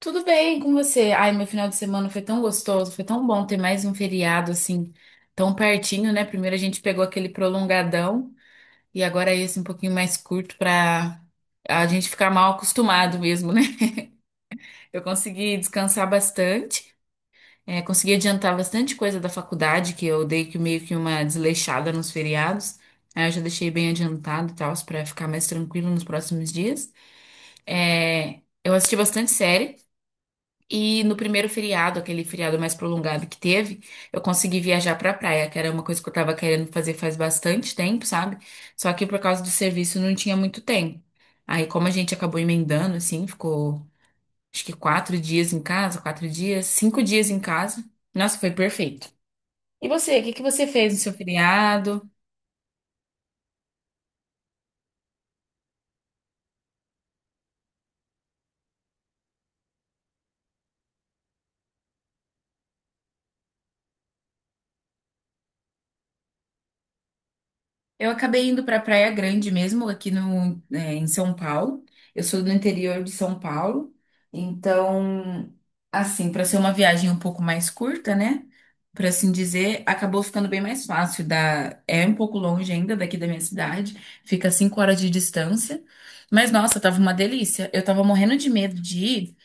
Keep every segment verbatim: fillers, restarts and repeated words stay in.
Tudo bem com você? Ai, meu final de semana foi tão gostoso, foi tão bom ter mais um feriado assim, tão pertinho, né? Primeiro a gente pegou aquele prolongadão e agora é esse um pouquinho mais curto pra a gente ficar mal acostumado mesmo, né? Eu consegui descansar bastante, é, consegui adiantar bastante coisa da faculdade, que eu dei que meio que uma desleixada nos feriados. Aí eu já deixei bem adiantado e tal, pra ficar mais tranquilo nos próximos dias. É, eu assisti bastante série. E no primeiro feriado, aquele feriado mais prolongado que teve, eu consegui viajar pra praia, que era uma coisa que eu tava querendo fazer faz bastante tempo, sabe? Só que por causa do serviço não tinha muito tempo. Aí, como a gente acabou emendando, assim, ficou acho que quatro dias em casa, quatro dias, cinco dias em casa. Nossa, foi perfeito. E você, o que que você fez no seu feriado? Eu acabei indo para Praia Grande mesmo, aqui no, é, em São Paulo. Eu sou do interior de São Paulo, então, assim, para ser uma viagem um pouco mais curta, né? Por assim dizer, acabou ficando bem mais fácil. Da... É um pouco longe ainda daqui da minha cidade, fica cinco horas de distância. Mas nossa, tava uma delícia. Eu tava morrendo de medo de ir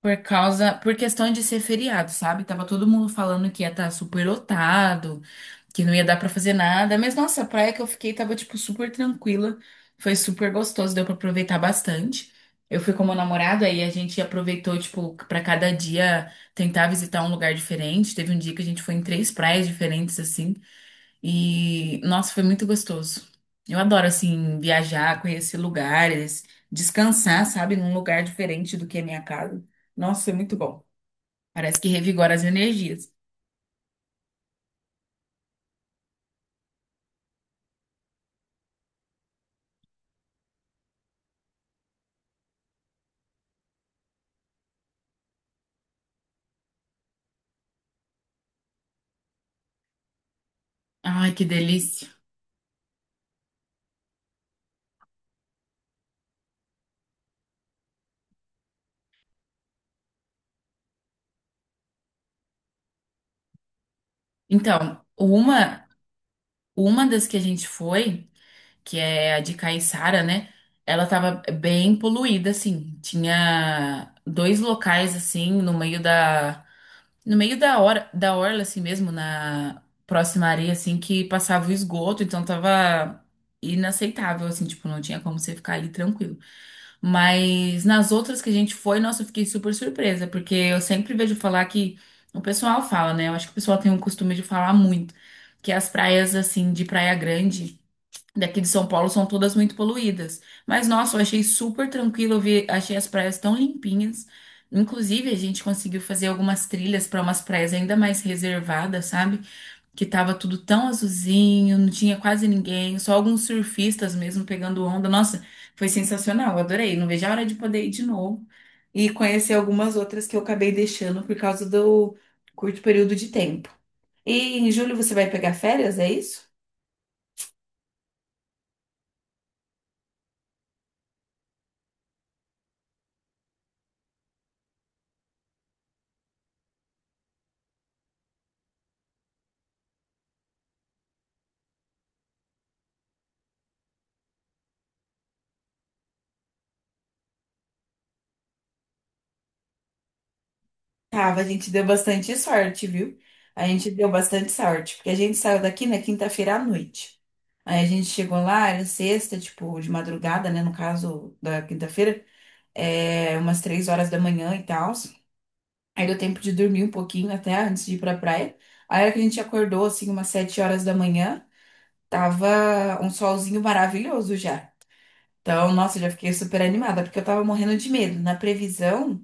por causa, por questão de ser feriado, sabe? Tava todo mundo falando que ia estar super lotado, que não ia dar pra fazer nada. Mas nossa, a praia que eu fiquei tava tipo super tranquila. Foi super gostoso, deu pra aproveitar bastante. Eu fui com meu namorado aí a gente aproveitou tipo pra cada dia tentar visitar um lugar diferente. Teve um dia que a gente foi em três praias diferentes assim. E, nossa, foi muito gostoso. Eu adoro, assim, viajar, conhecer lugares, descansar, sabe, num lugar diferente do que a minha casa. Nossa, é muito bom. Parece que revigora as energias. Ai, que delícia. Então, uma, uma das que a gente foi, que é a de Caiçara, né? Ela tava bem poluída, assim. Tinha dois locais, assim, no meio da No meio da hora, da orla, assim mesmo, na próxima areia, assim, que passava o esgoto, então tava inaceitável, assim, tipo, não tinha como você ficar ali tranquilo. Mas nas outras que a gente foi, nossa, eu fiquei super surpresa, porque eu sempre vejo falar que o pessoal fala, né? Eu acho que o pessoal tem um costume de falar muito, que as praias, assim, de Praia Grande daqui de São Paulo são todas muito poluídas. Mas, nossa, eu achei super tranquilo, eu vi, achei as praias tão limpinhas. Inclusive, a gente conseguiu fazer algumas trilhas para umas praias ainda mais reservadas, sabe? Que tava tudo tão azulzinho, não tinha quase ninguém, só alguns surfistas mesmo pegando onda. Nossa, foi sensacional, eu adorei. Não vejo a hora de poder ir de novo e conhecer algumas outras que eu acabei deixando por causa do curto período de tempo. E em julho você vai pegar férias, é isso? Tava, a gente deu bastante sorte, viu? A gente deu bastante sorte, porque a gente saiu daqui na quinta-feira à noite. Aí a gente chegou lá, era sexta, tipo, de madrugada, né? No caso da quinta-feira, é umas três horas da manhã e tal. Aí deu tempo de dormir um pouquinho até antes de ir pra praia. Aí a hora que a gente acordou, assim, umas sete horas da manhã, tava um solzinho maravilhoso já. Então, nossa, eu já fiquei super animada, porque eu tava morrendo de medo. Na previsão.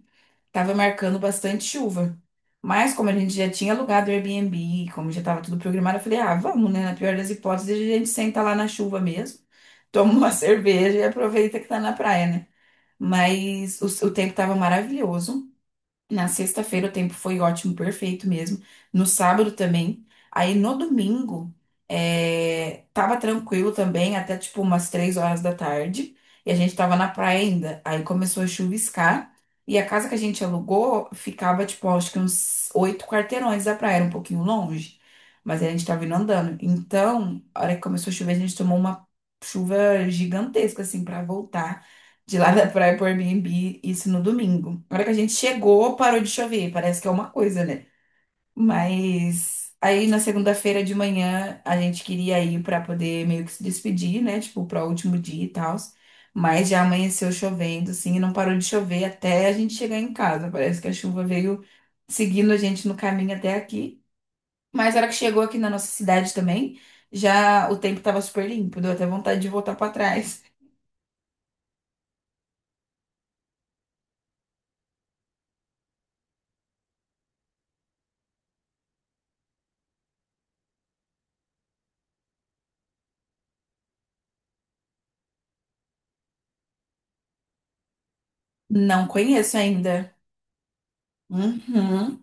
Tava marcando bastante chuva. Mas como a gente já tinha alugado o Airbnb, como já tava tudo programado, eu falei, ah, vamos, né? Na pior das hipóteses, a gente senta lá na chuva mesmo, toma uma cerveja e aproveita que tá na praia, né? Mas o, o tempo tava maravilhoso. Na sexta-feira o tempo foi ótimo, perfeito mesmo. No sábado também. Aí no domingo, é, tava tranquilo também, até tipo umas três horas da tarde. E a gente tava na praia ainda. Aí começou a chuviscar. E a casa que a gente alugou ficava, tipo, acho que uns oito quarteirões da praia, era um pouquinho longe. Mas a gente tava indo andando. Então, a hora que começou a chover, a gente tomou uma chuva gigantesca, assim, pra voltar. De lá da praia pro Airbnb, isso no domingo. Na hora que a gente chegou, parou de chover. Parece que é uma coisa, né? Mas aí na segunda-feira de manhã, a gente queria ir pra poder meio que se despedir, né? Tipo, para o último dia e tal. Mas já amanheceu chovendo, assim, e não parou de chover até a gente chegar em casa. Parece que a chuva veio seguindo a gente no caminho até aqui. Mas na hora que chegou aqui na nossa cidade também, já o tempo tava super limpo. Deu até vontade de voltar pra trás. Não conheço ainda. Uhum.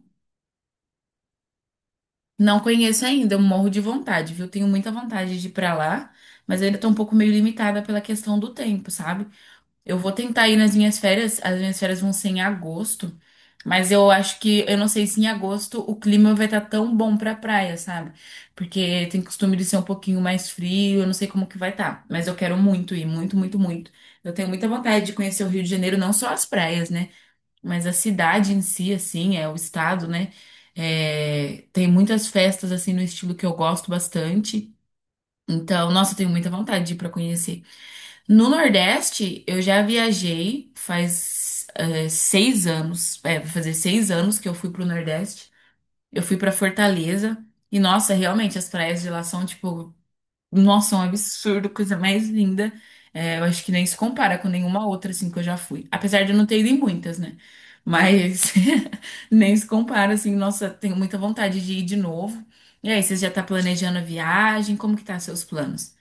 Não conheço ainda, eu morro de vontade, viu? Tenho muita vontade de ir pra lá, mas ainda tô um pouco meio limitada pela questão do tempo, sabe? Eu vou tentar ir nas minhas férias, as minhas férias vão ser em agosto, mas eu acho que, eu não sei se em agosto o clima vai estar tão bom pra praia, sabe? Porque tem costume de ser um pouquinho mais frio, eu não sei como que vai estar, mas eu quero muito ir, muito, muito, muito. Eu tenho muita vontade de conhecer o Rio de Janeiro, não só as praias, né? Mas a cidade em si, assim, é o estado, né? É, tem muitas festas, assim, no estilo que eu gosto bastante. Então, nossa, eu tenho muita vontade de ir pra conhecer. No Nordeste, eu já viajei faz eh, seis anos. É, vai fazer seis anos que eu fui pro Nordeste. Eu fui pra Fortaleza. E, nossa, realmente, as praias de lá são, tipo, nossa, é um absurdo, coisa mais linda. É, eu acho que nem se compara com nenhuma outra, assim, que eu já fui. Apesar de eu não ter ido em muitas, né? Mas nem se compara, assim. Nossa, tenho muita vontade de ir de novo. E aí, você já tá planejando a viagem? Como que tá seus planos?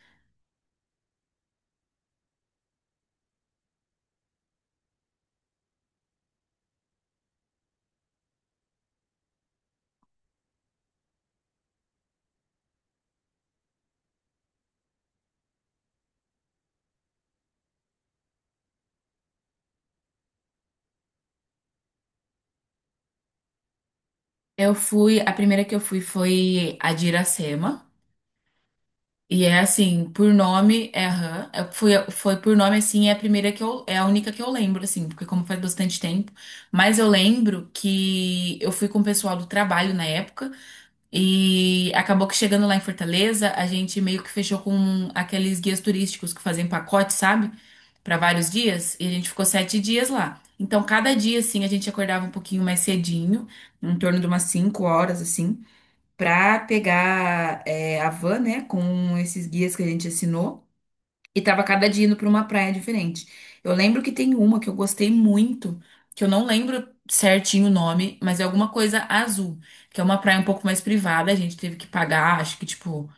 Eu fui, a primeira que eu fui foi a de Iracema. E é assim, por nome, é aham. Eu fui, foi por nome assim, é a primeira que eu, é a única que eu lembro, assim, porque como faz bastante tempo. Mas eu lembro que eu fui com o pessoal do trabalho na época e acabou que chegando lá em Fortaleza, a gente meio que fechou com aqueles guias turísticos que fazem pacote, sabe? Pra vários dias, e a gente ficou sete dias lá. Então, cada dia, assim, a gente acordava um pouquinho mais cedinho, em torno de umas cinco horas, assim para pegar é, a van, né, com esses guias que a gente assinou, e tava cada dia indo para uma praia diferente. Eu lembro que tem uma que eu gostei muito, que eu não lembro certinho o nome, mas é alguma coisa azul, que é uma praia um pouco mais privada, a gente teve que pagar, acho que tipo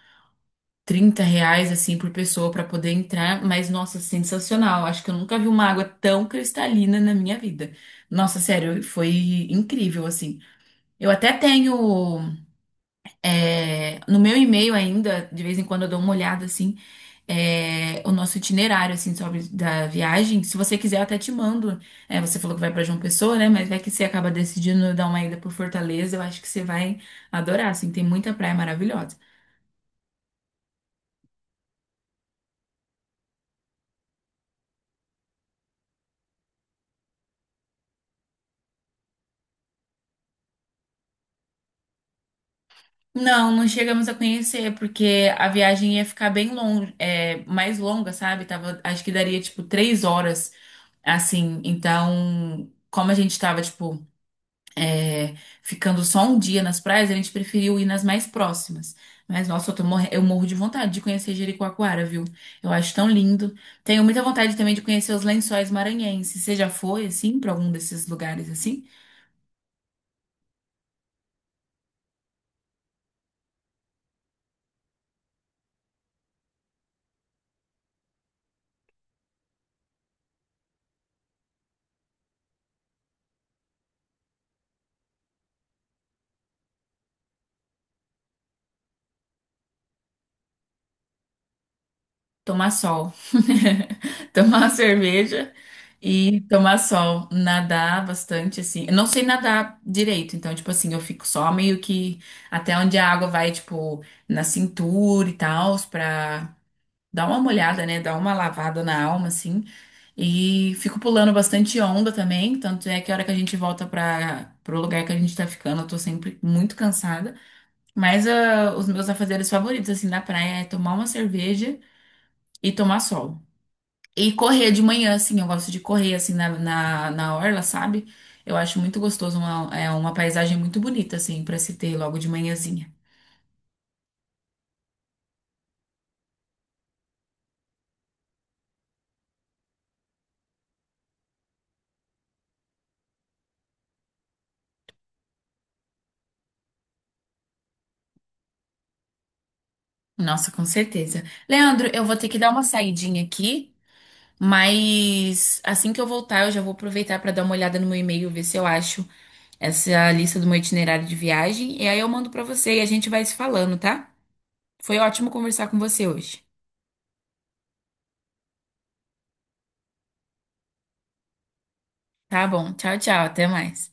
trinta reais assim por pessoa para poder entrar, mas nossa, sensacional. Acho que eu nunca vi uma água tão cristalina na minha vida. Nossa, sério, foi incrível assim. Eu até tenho. É, no meu e-mail ainda, de vez em quando eu dou uma olhada assim, é, o nosso itinerário assim sobre da viagem. Se você quiser, eu até te mando. É, você falou que vai para João Pessoa, né? Mas vai que você acaba decidindo dar uma ida por Fortaleza. Eu acho que você vai adorar, assim, tem muita praia maravilhosa. Não, não chegamos a conhecer, porque a viagem ia ficar bem longe, é, mais longa, sabe? Tava, acho que daria tipo três horas, assim. Então, como a gente tava, tipo é, ficando só um dia nas praias, a gente preferiu ir nas mais próximas. Mas, nossa, eu, tô morre- eu morro de vontade de conhecer Jericoacoara, viu? Eu acho tão lindo. Tenho muita vontade também de conhecer os Lençóis Maranhenses. Você já foi, assim, pra algum desses lugares, assim? Tomar sol, tomar cerveja e tomar sol, nadar bastante, assim. Eu não sei nadar direito, então, tipo assim, eu fico só meio que até onde a água vai, tipo, na cintura e tal, pra. Dá uma molhada, né? Dá uma lavada na alma, assim. E fico pulando bastante onda também. Tanto é que a hora que a gente volta para pro lugar que a gente tá ficando, eu tô sempre muito cansada. Mas ah, os meus afazeres favoritos, assim, da praia é tomar uma cerveja e tomar sol. E correr de manhã, assim. Eu gosto de correr, assim, na, na, na orla, sabe? Eu acho muito gostoso. Uma, é uma paisagem muito bonita, assim, pra se ter logo de manhãzinha. Nossa, com certeza. Leandro, eu vou ter que dar uma saidinha aqui. Mas assim que eu voltar, eu já vou aproveitar para dar uma olhada no meu e-mail, ver se eu acho essa lista do meu itinerário de viagem. E aí eu mando para você e a gente vai se falando, tá? Foi ótimo conversar com você hoje. Tá bom. Tchau, tchau. Até mais.